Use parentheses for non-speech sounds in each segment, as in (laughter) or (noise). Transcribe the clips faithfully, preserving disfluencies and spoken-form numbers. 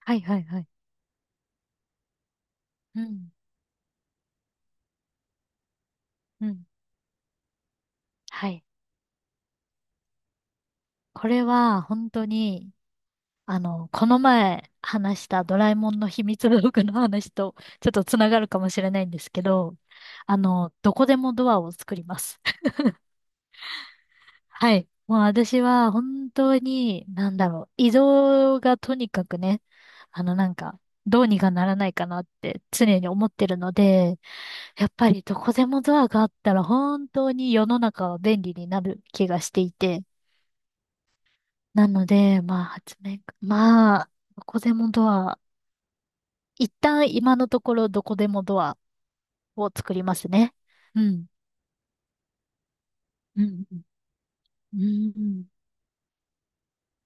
はいはいはい。うん。うん。はい。これは本当に、あの、この前話したドラえもんの秘密道具の話とちょっとつながるかもしれないんですけど、あの、どこでもドアを作ります。はい。もう私は本当に、なんだろう、移動がとにかくね、あのなんか、どうにかならないかなって常に思ってるので、やっぱりどこでもドアがあったら本当に世の中は便利になる気がしていて、なので、まあ、発明家、まあ、どこでもドア、一旦今のところどこでもドアを作りますね。うん。うん、うん、うん。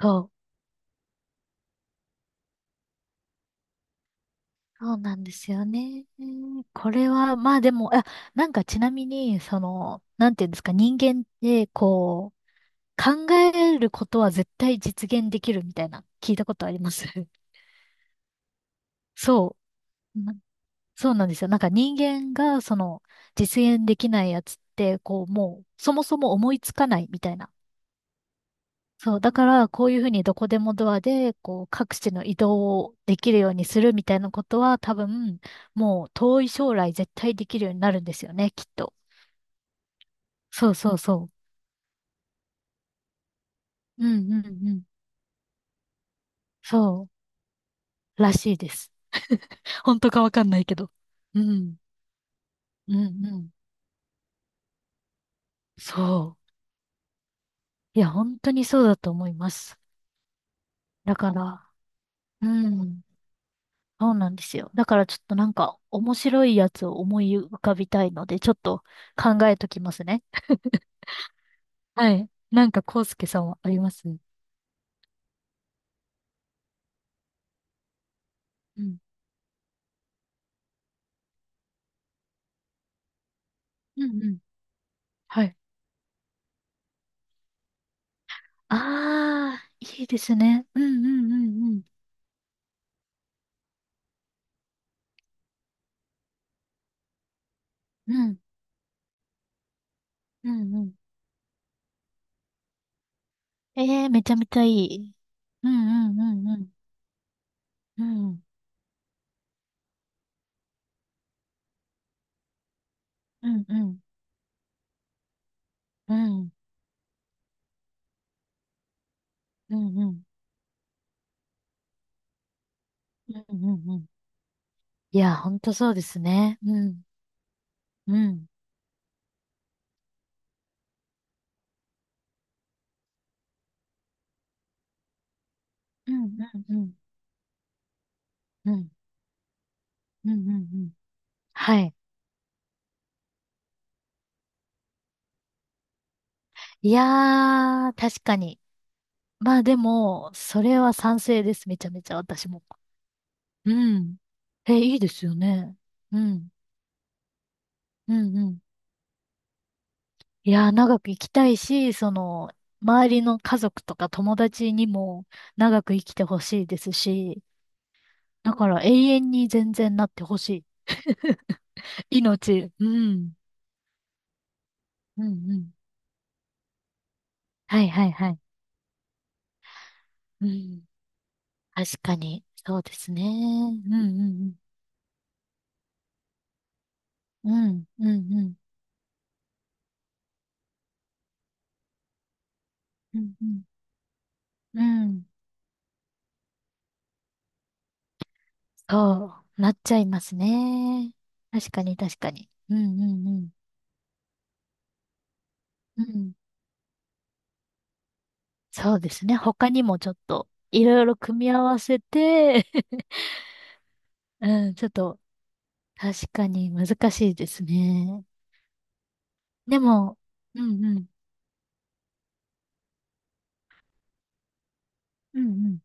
そう。そうなんですよね。これは、まあでも、あ、なんかちなみに、その、なんていうんですか、人間って、こう、考えることは絶対実現できるみたいな、聞いたことあります？ (laughs) そう。そうなんですよ。なんか人間がその実現できないやつって、こうもうそもそも思いつかないみたいな。そう。だからこういうふうにどこでもドアでこう各地の移動をできるようにするみたいなことは多分もう遠い将来絶対できるようになるんですよね、きっと。そうそうそう。うんうんうん。そう。らしいです。本当かわかんないけど。うん。うんうん。そう。いや、本当にそうだと思います。だから、うん。そうなんですよ。だからちょっとなんか面白いやつを思い浮かびたいので、ちょっと考えときますね。はい。なんか、康介さんはあります？うん。うんうん。はい。ああ、いいですね。うんうんうんうん。うん。うんうん。ええー、めちゃめちゃいい。うんうんうんうん。うんうんうんうん。うんうんうんうんうん。いや、ほんとそうですね。うん。うん。うんうんうん。うんうんうんうん。はい。いやー、確かに。まあでも、それは賛成です。めちゃめちゃ私も。うん。え、いいですよね。うん。うんうん。いやー、長く生きたいし、その、周りの家族とか友達にも長く生きてほしいですし、だから永遠に全然なってほしい。(laughs) 命。うん。うんうん。はいはいはい。うん。確かに。そうですね。うんうんうん。うんうんうん。うんうん。うん、そう、なっちゃいますね。確かに確かに。うんうんうん。うん。そうですね。他にもちょっといろいろ組み合わせて。 (laughs) うん、ちょっと確かに難しいですね。でも、うんうん。うんうん。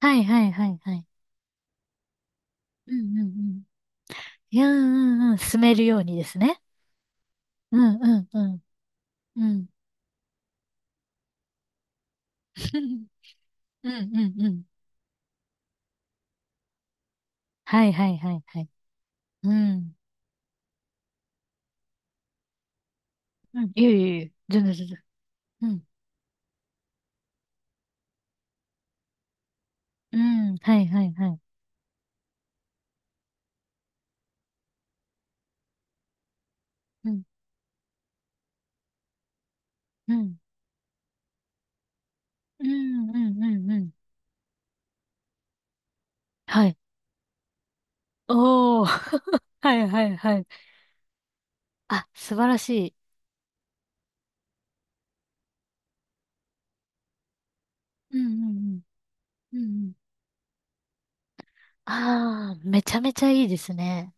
はいはいはいはい。うんうんうん。いや、うんうんうん。進めるようにですね。うんうんうん。うん。(laughs) うんうんうん。はいはいはいはい。うん。うん。いえいえいえ。全然全然。うん。うん。はいはいはい。うん、うん、うん、うん、うん。うん、はい。おー。(laughs) はいはいはい。あ、素晴らしい。うん、うん、うん。うん、うん。あー、めちゃめちゃいいですね。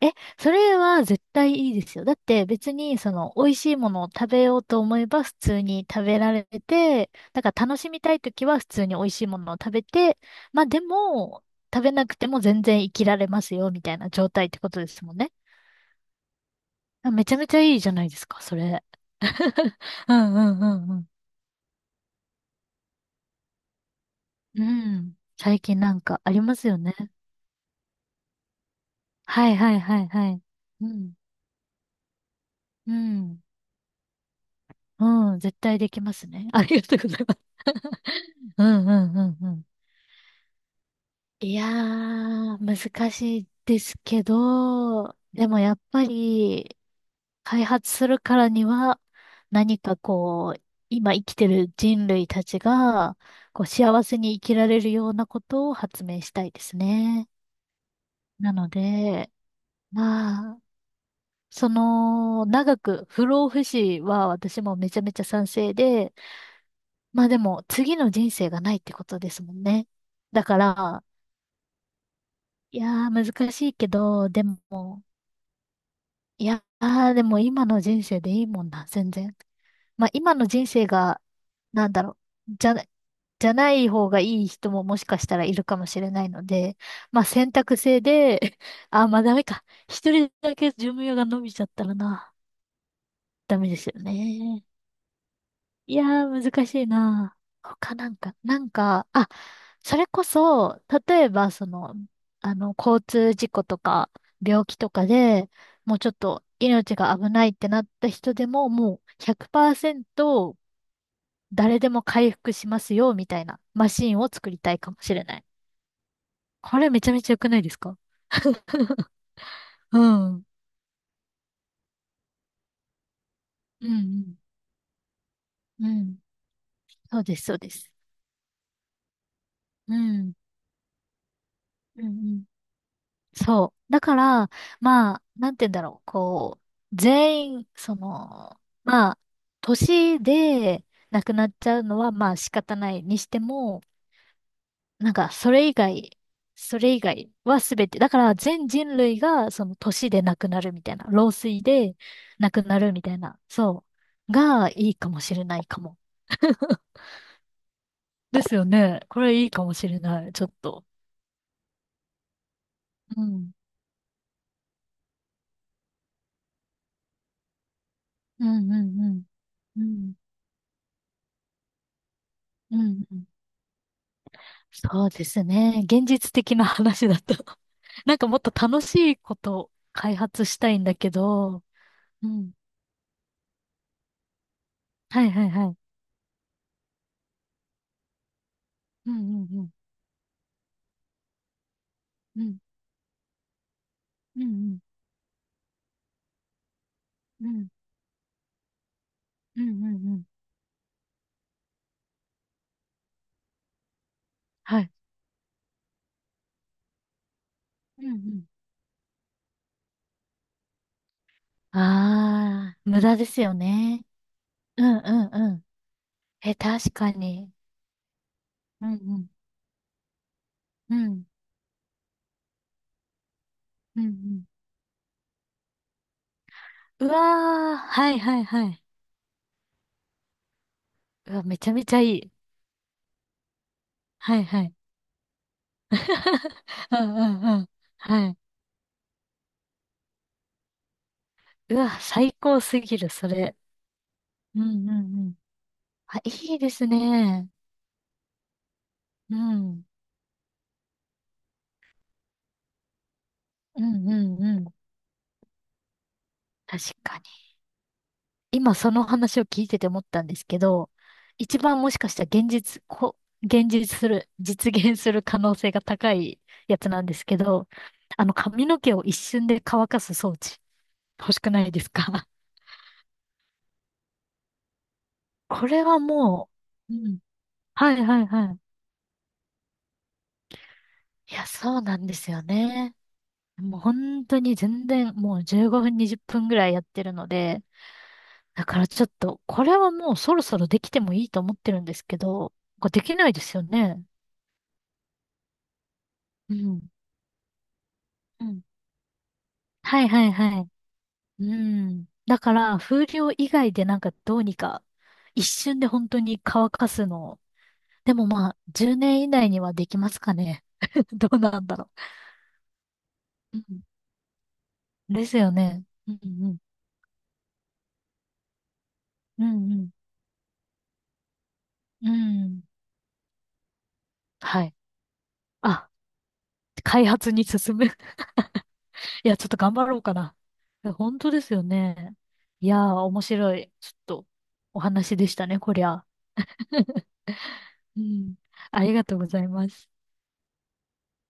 え、それは絶対いいですよ。だって別にその美味しいものを食べようと思えば普通に食べられて、だから楽しみたいときは普通に美味しいものを食べて、まあでも食べなくても全然生きられますよみたいな状態ってことですもんね。あ、めちゃめちゃいいじゃないですか、それ。(laughs) うんうんうんうん。うん。最近なんかありますよね。はいはいはいはい。うん。うん。うん。絶対できますね。ありがとうございます。(laughs) うんうんうんうん。いやー、難しいですけど、でもやっぱり、開発するからには、何かこう、今生きてる人類たちが、こう、幸せに生きられるようなことを発明したいですね。なので、まあ、その、長く不老不死は私もめちゃめちゃ賛成で、まあでも、次の人生がないってことですもんね。だから、いやー、難しいけど、でも、いやー、でも今の人生でいいもんな、全然。まあ今の人生が、なんだろう、じゃな、じゃない方がいい人ももしかしたらいるかもしれないので、まあ選択制で、(laughs) あー、まあダメか。一人だけ寿命が伸びちゃったらな、ダメですよね。いやー、難しいな。他なんか、なんか、あ、それこそ、例えば、その、あの、交通事故とか、病気とかで、もうちょっと命が危ないってなった人でも、もうひゃくパーセント誰でも回復しますよ、みたいなマシンを作りたいかもしれない。これめちゃめちゃ良くないですか？ (laughs) うん。うん、うん。うん。そうです、そうです。うん。うん、うん。そう。だから、まあ、なんて言うんだろう。こう、全員、その、まあ、年で亡くなっちゃうのは、まあ仕方ないにしても、なんか、それ以外、それ以外は全て、だから全人類が、その年で亡くなるみたいな、老衰で亡くなるみたいな、そう、がいいかもしれないかも。(laughs) ですよね。これいいかもしれない。ちょっと。うん。うんうんうん。うん。うんうん、そうですね。現実的な話だと。 (laughs) なんかもっと楽しいことを開発したいんだけど、うん。はいはいはい。うんうんうん。うんうんうん。うんうんうんうん。はい。うんうん。ああ、無駄ですよね。うんうんうん。え、確かに。うんうん。うん。うんうん。うわー、はいはいはい。うわ、めちゃめちゃいい。はいはい。(laughs) うんうんうん。はい。うわ、最高すぎる、それ。うんうんうん。あ、いいですね。うん。うんうんうん。確かに。今その話を聞いてて思ったんですけど、一番もしかしたら現実、こ、現実する、実現する可能性が高いやつなんですけど、あの髪の毛を一瞬で乾かす装置、欲しくないですか？ (laughs) これはもう、うん。はいはいはい。いや、そうなんですよね。もう本当に全然もうじゅうごふんにじゅっぷんぐらいやってるので、だからちょっと、これはもうそろそろできてもいいと思ってるんですけど、これできないですよね。うん。うん。はいはいはい。うん。だから、風量以外でなんかどうにか、一瞬で本当に乾かすのを。でもまあ、じゅうねん以内にはできますかね。(laughs) どうなんだろう。うん。ですよね。うんうん。うんうん。うん。はい。あ、開発に進む。いや、ちょっと頑張ろうかな。いや本当ですよね。いやー、面白い。ちょっと、お話でしたね、こりゃ。(laughs) うん。ありがとうございます。